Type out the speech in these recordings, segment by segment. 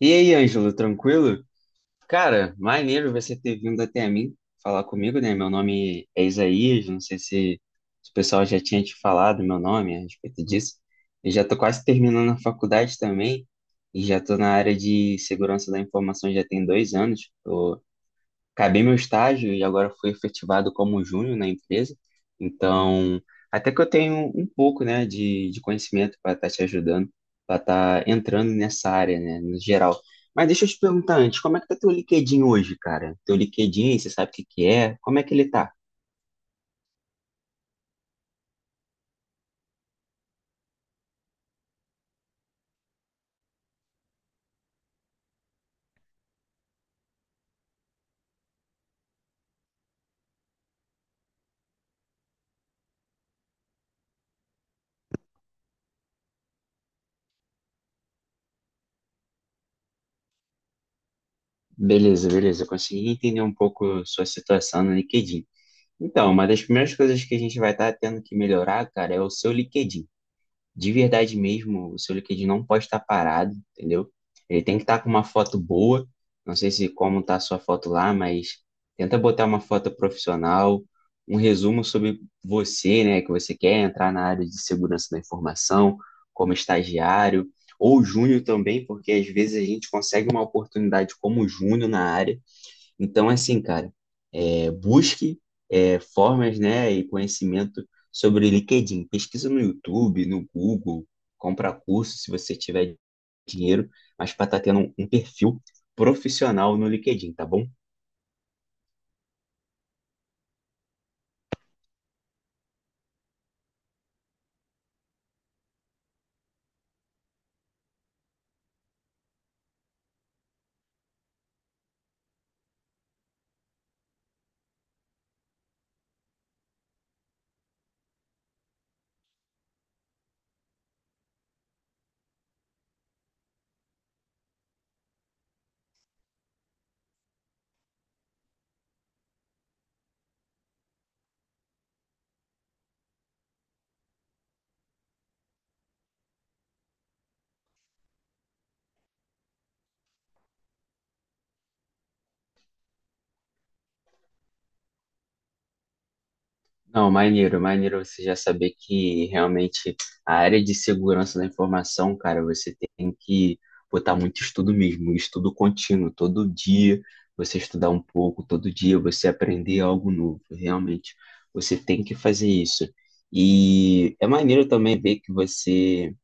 E aí, Ângelo, tranquilo? Cara, maneiro você ter vindo até mim falar comigo, né? Meu nome é Isaías, não sei se o pessoal já tinha te falado meu nome a respeito disso. Eu já tô quase terminando a faculdade também e já tô na área de segurança da informação já tem 2 anos, acabei meu estágio e agora fui efetivado como júnior na empresa. Então, até que eu tenho um pouco, né, de conhecimento para estar te ajudando, para estar entrando nessa área, né, no geral. Mas deixa eu te perguntar antes, como é que tá teu LinkedIn hoje, cara? Teu LinkedIn, você sabe o que que é? Como é que ele tá? Beleza, beleza, eu consegui entender um pouco sua situação no LinkedIn. Então, uma das primeiras coisas que a gente vai estar tendo que melhorar, cara, é o seu LinkedIn. De verdade mesmo, o seu LinkedIn não pode estar parado, entendeu? Ele tem que estar com uma foto boa. Não sei se como está a sua foto lá, mas tenta botar uma foto profissional, um resumo sobre você, né, que você quer entrar na área de segurança da informação, como estagiário ou júnior também, porque às vezes a gente consegue uma oportunidade como júnior na área. Então, assim, cara, busque formas, né, e conhecimento sobre LinkedIn. Pesquisa no YouTube, no Google, compra curso se você tiver dinheiro, mas para estar tendo um perfil profissional no LinkedIn, tá bom? Não, maneiro, maneiro você já saber que realmente a área de segurança da informação, cara, você tem que botar muito estudo mesmo, estudo contínuo, todo dia você estudar um pouco, todo dia você aprender algo novo, realmente você tem que fazer isso. E é maneiro também ver que você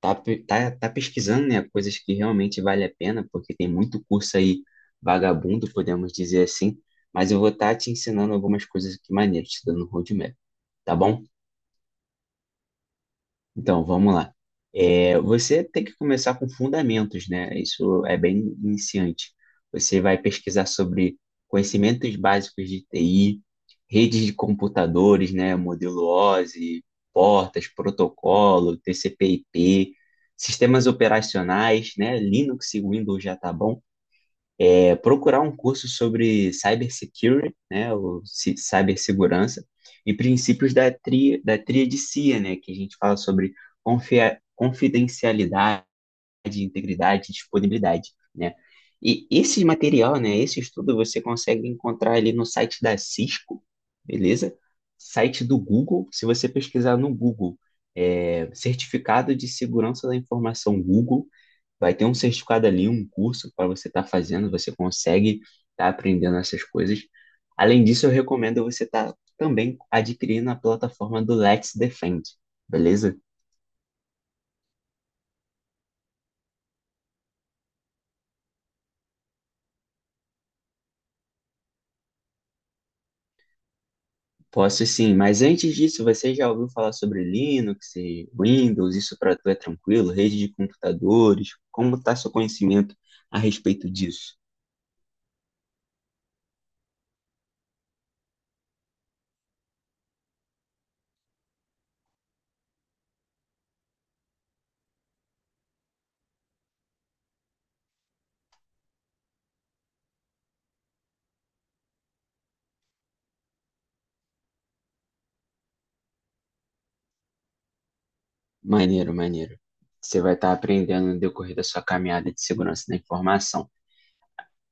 tá pesquisando, né, coisas que realmente vale a pena, porque tem muito curso aí vagabundo, podemos dizer assim, mas eu vou estar te ensinando algumas coisas aqui maneiras, te dando roadmap. Tá bom? Então, vamos lá. Você tem que começar com fundamentos, né? Isso é bem iniciante. Você vai pesquisar sobre conhecimentos básicos de TI, redes de computadores, né? Modelo OSI, portas, protocolo, TCP/IP, sistemas operacionais, né? Linux e Windows já tá bom. É procurar um curso sobre cybersecurity, né, ou cibersegurança, e princípios da tríade CIA, né, que a gente fala sobre confidencialidade, integridade e disponibilidade, né. E esse material, né, esse estudo você consegue encontrar ali no site da Cisco, beleza? Site do Google, se você pesquisar no Google, certificado de segurança da informação Google, vai ter um certificado ali, um curso para você estar fazendo, você consegue estar aprendendo essas coisas. Além disso, eu recomendo você estar também adquirindo a plataforma do Let's Defend, beleza? Posso sim, mas antes disso, você já ouviu falar sobre Linux e Windows? Isso para tu é tranquilo? Rede de computadores? Como está seu conhecimento a respeito disso? Maneiro, maneiro. Você vai estar aprendendo no decorrer da sua caminhada de segurança da informação.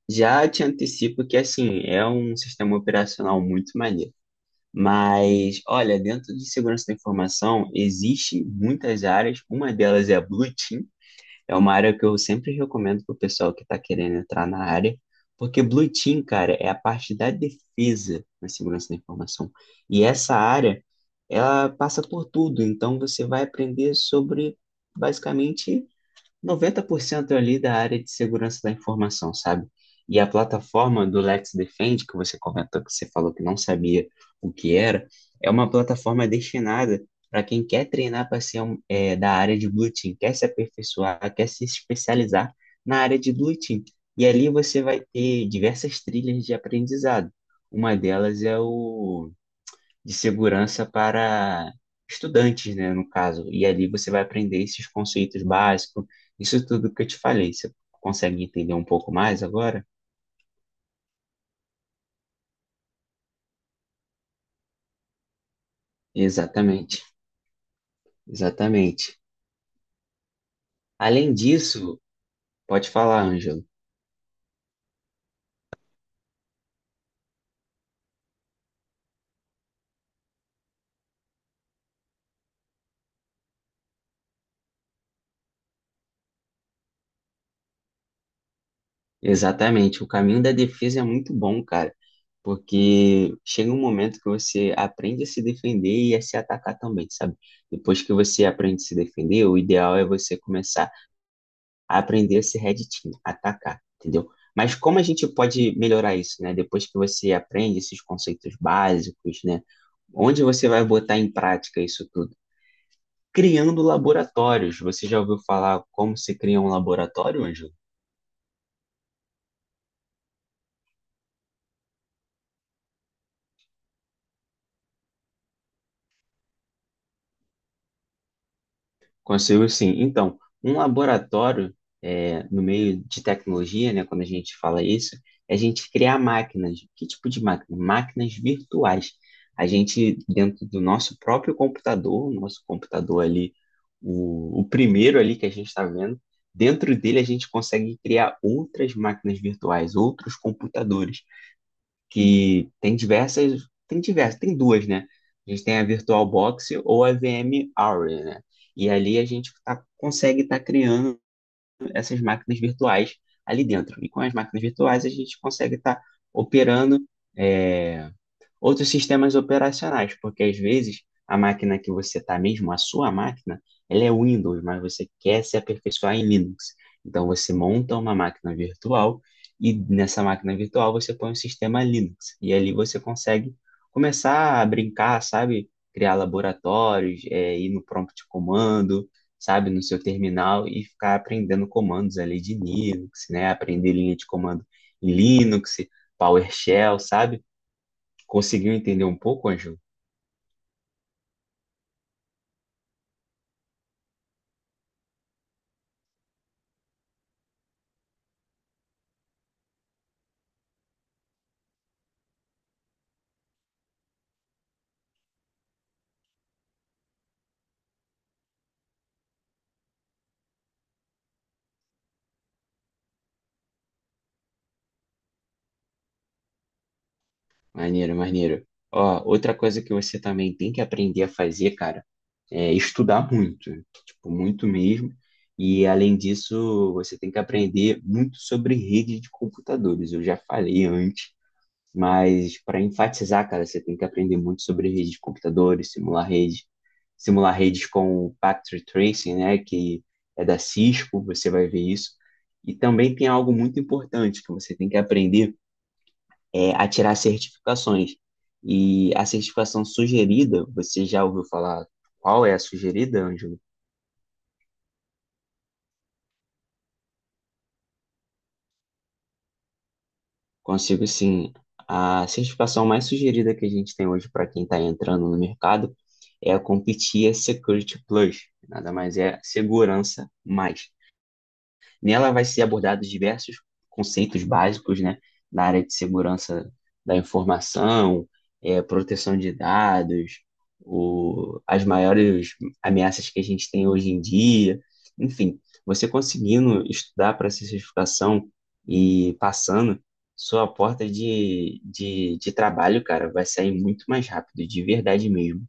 Já te antecipo que, assim, é um sistema operacional muito maneiro. Mas, olha, dentro de segurança da informação, existem muitas áreas. Uma delas é a Blue Team. É uma área que eu sempre recomendo para o pessoal que está querendo entrar na área. Porque Blue Team, cara, é a parte da defesa na segurança da informação. E essa área, ela passa por tudo. Então, você vai aprender sobre, basicamente, 90% ali da área de segurança da informação, sabe? E a plataforma do Let's Defend, que você comentou, que você falou que não sabia o que era, é uma plataforma destinada para quem quer treinar para ser um, da área de Blue Team, quer se aperfeiçoar, quer se especializar na área de Blue Team. E ali você vai ter diversas trilhas de aprendizado. Uma delas é o de segurança para estudantes, né, no caso. E ali você vai aprender esses conceitos básicos, isso tudo que eu te falei. Você consegue entender um pouco mais agora? Exatamente, exatamente. Além disso, pode falar, Ângelo. Exatamente, o caminho da defesa é muito bom, cara, porque chega um momento que você aprende a se defender e a se atacar também, sabe? Depois que você aprende a se defender, o ideal é você começar a aprender esse red team, atacar, entendeu? Mas como a gente pode melhorar isso, né? Depois que você aprende esses conceitos básicos, né? Onde você vai botar em prática isso tudo? Criando laboratórios. Você já ouviu falar como se cria um laboratório, Ângelo? Consigo sim. Então, um laboratório, no meio de tecnologia, né, quando a gente fala isso, é a gente criar máquinas. Que tipo de máquina? Máquinas virtuais. A gente, dentro do nosso próprio computador, o nosso computador ali, o primeiro ali que a gente está vendo, dentro dele a gente consegue criar outras máquinas virtuais, outros computadores que tem diversas, tem diversas, tem duas, né? A gente tem a VirtualBox ou a VM Aura, né? E ali consegue estar criando essas máquinas virtuais ali dentro. E com as máquinas virtuais a gente consegue estar operando é, outros sistemas operacionais, porque às vezes a máquina que você está mesmo, a sua máquina, ela é Windows, mas você quer se aperfeiçoar em Linux. Então você monta uma máquina virtual e nessa máquina virtual você põe o sistema Linux. E ali você consegue começar a brincar, sabe? Criar laboratórios, ir no prompt de comando, sabe? No seu terminal e ficar aprendendo comandos ali de Linux, né? Aprender linha de comando em Linux, PowerShell, sabe? Conseguiu entender um pouco, Ângelo? Maneiro, maneiro. Ó, outra coisa que você também tem que aprender a fazer, cara, é estudar muito, tipo, muito mesmo. E além disso, você tem que aprender muito sobre rede de computadores. Eu já falei antes, mas para enfatizar, cara, você tem que aprender muito sobre rede de computadores, simular rede, simular redes com o Packet Tracing, né, que é da Cisco, você vai ver isso. E também tem algo muito importante que você tem que aprender a tirar certificações. E a certificação sugerida, você já ouviu falar qual é a sugerida, Ângelo? Consigo sim. A certificação mais sugerida que a gente tem hoje para quem está entrando no mercado é a CompTIA Security Plus. Nada mais é segurança mais. Nela vai ser abordados diversos conceitos básicos, né, na área de segurança da informação, proteção de dados, o, as maiores ameaças que a gente tem hoje em dia, enfim, você conseguindo estudar para essa certificação e passando, sua porta de trabalho, cara, vai sair muito mais rápido, de verdade mesmo.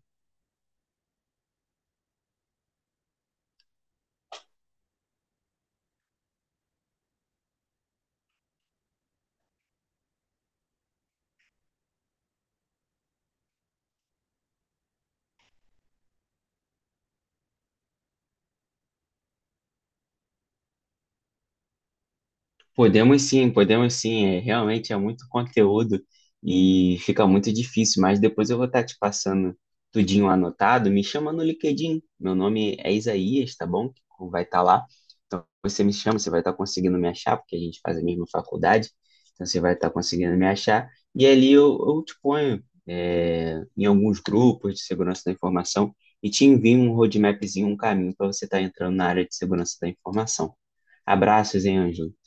Podemos sim, podemos sim. É, realmente é muito conteúdo e fica muito difícil, mas depois eu vou estar te passando tudinho anotado. Me chama no LinkedIn. Meu nome é Isaías, tá bom? Vai estar lá. Então você me chama, você vai estar conseguindo me achar, porque a gente faz a mesma faculdade. Então você vai estar conseguindo me achar. E ali eu te ponho em alguns grupos de segurança da informação e te envio um roadmapzinho, um caminho para você estar entrando na área de segurança da informação. Abraços, hein, Ângelo?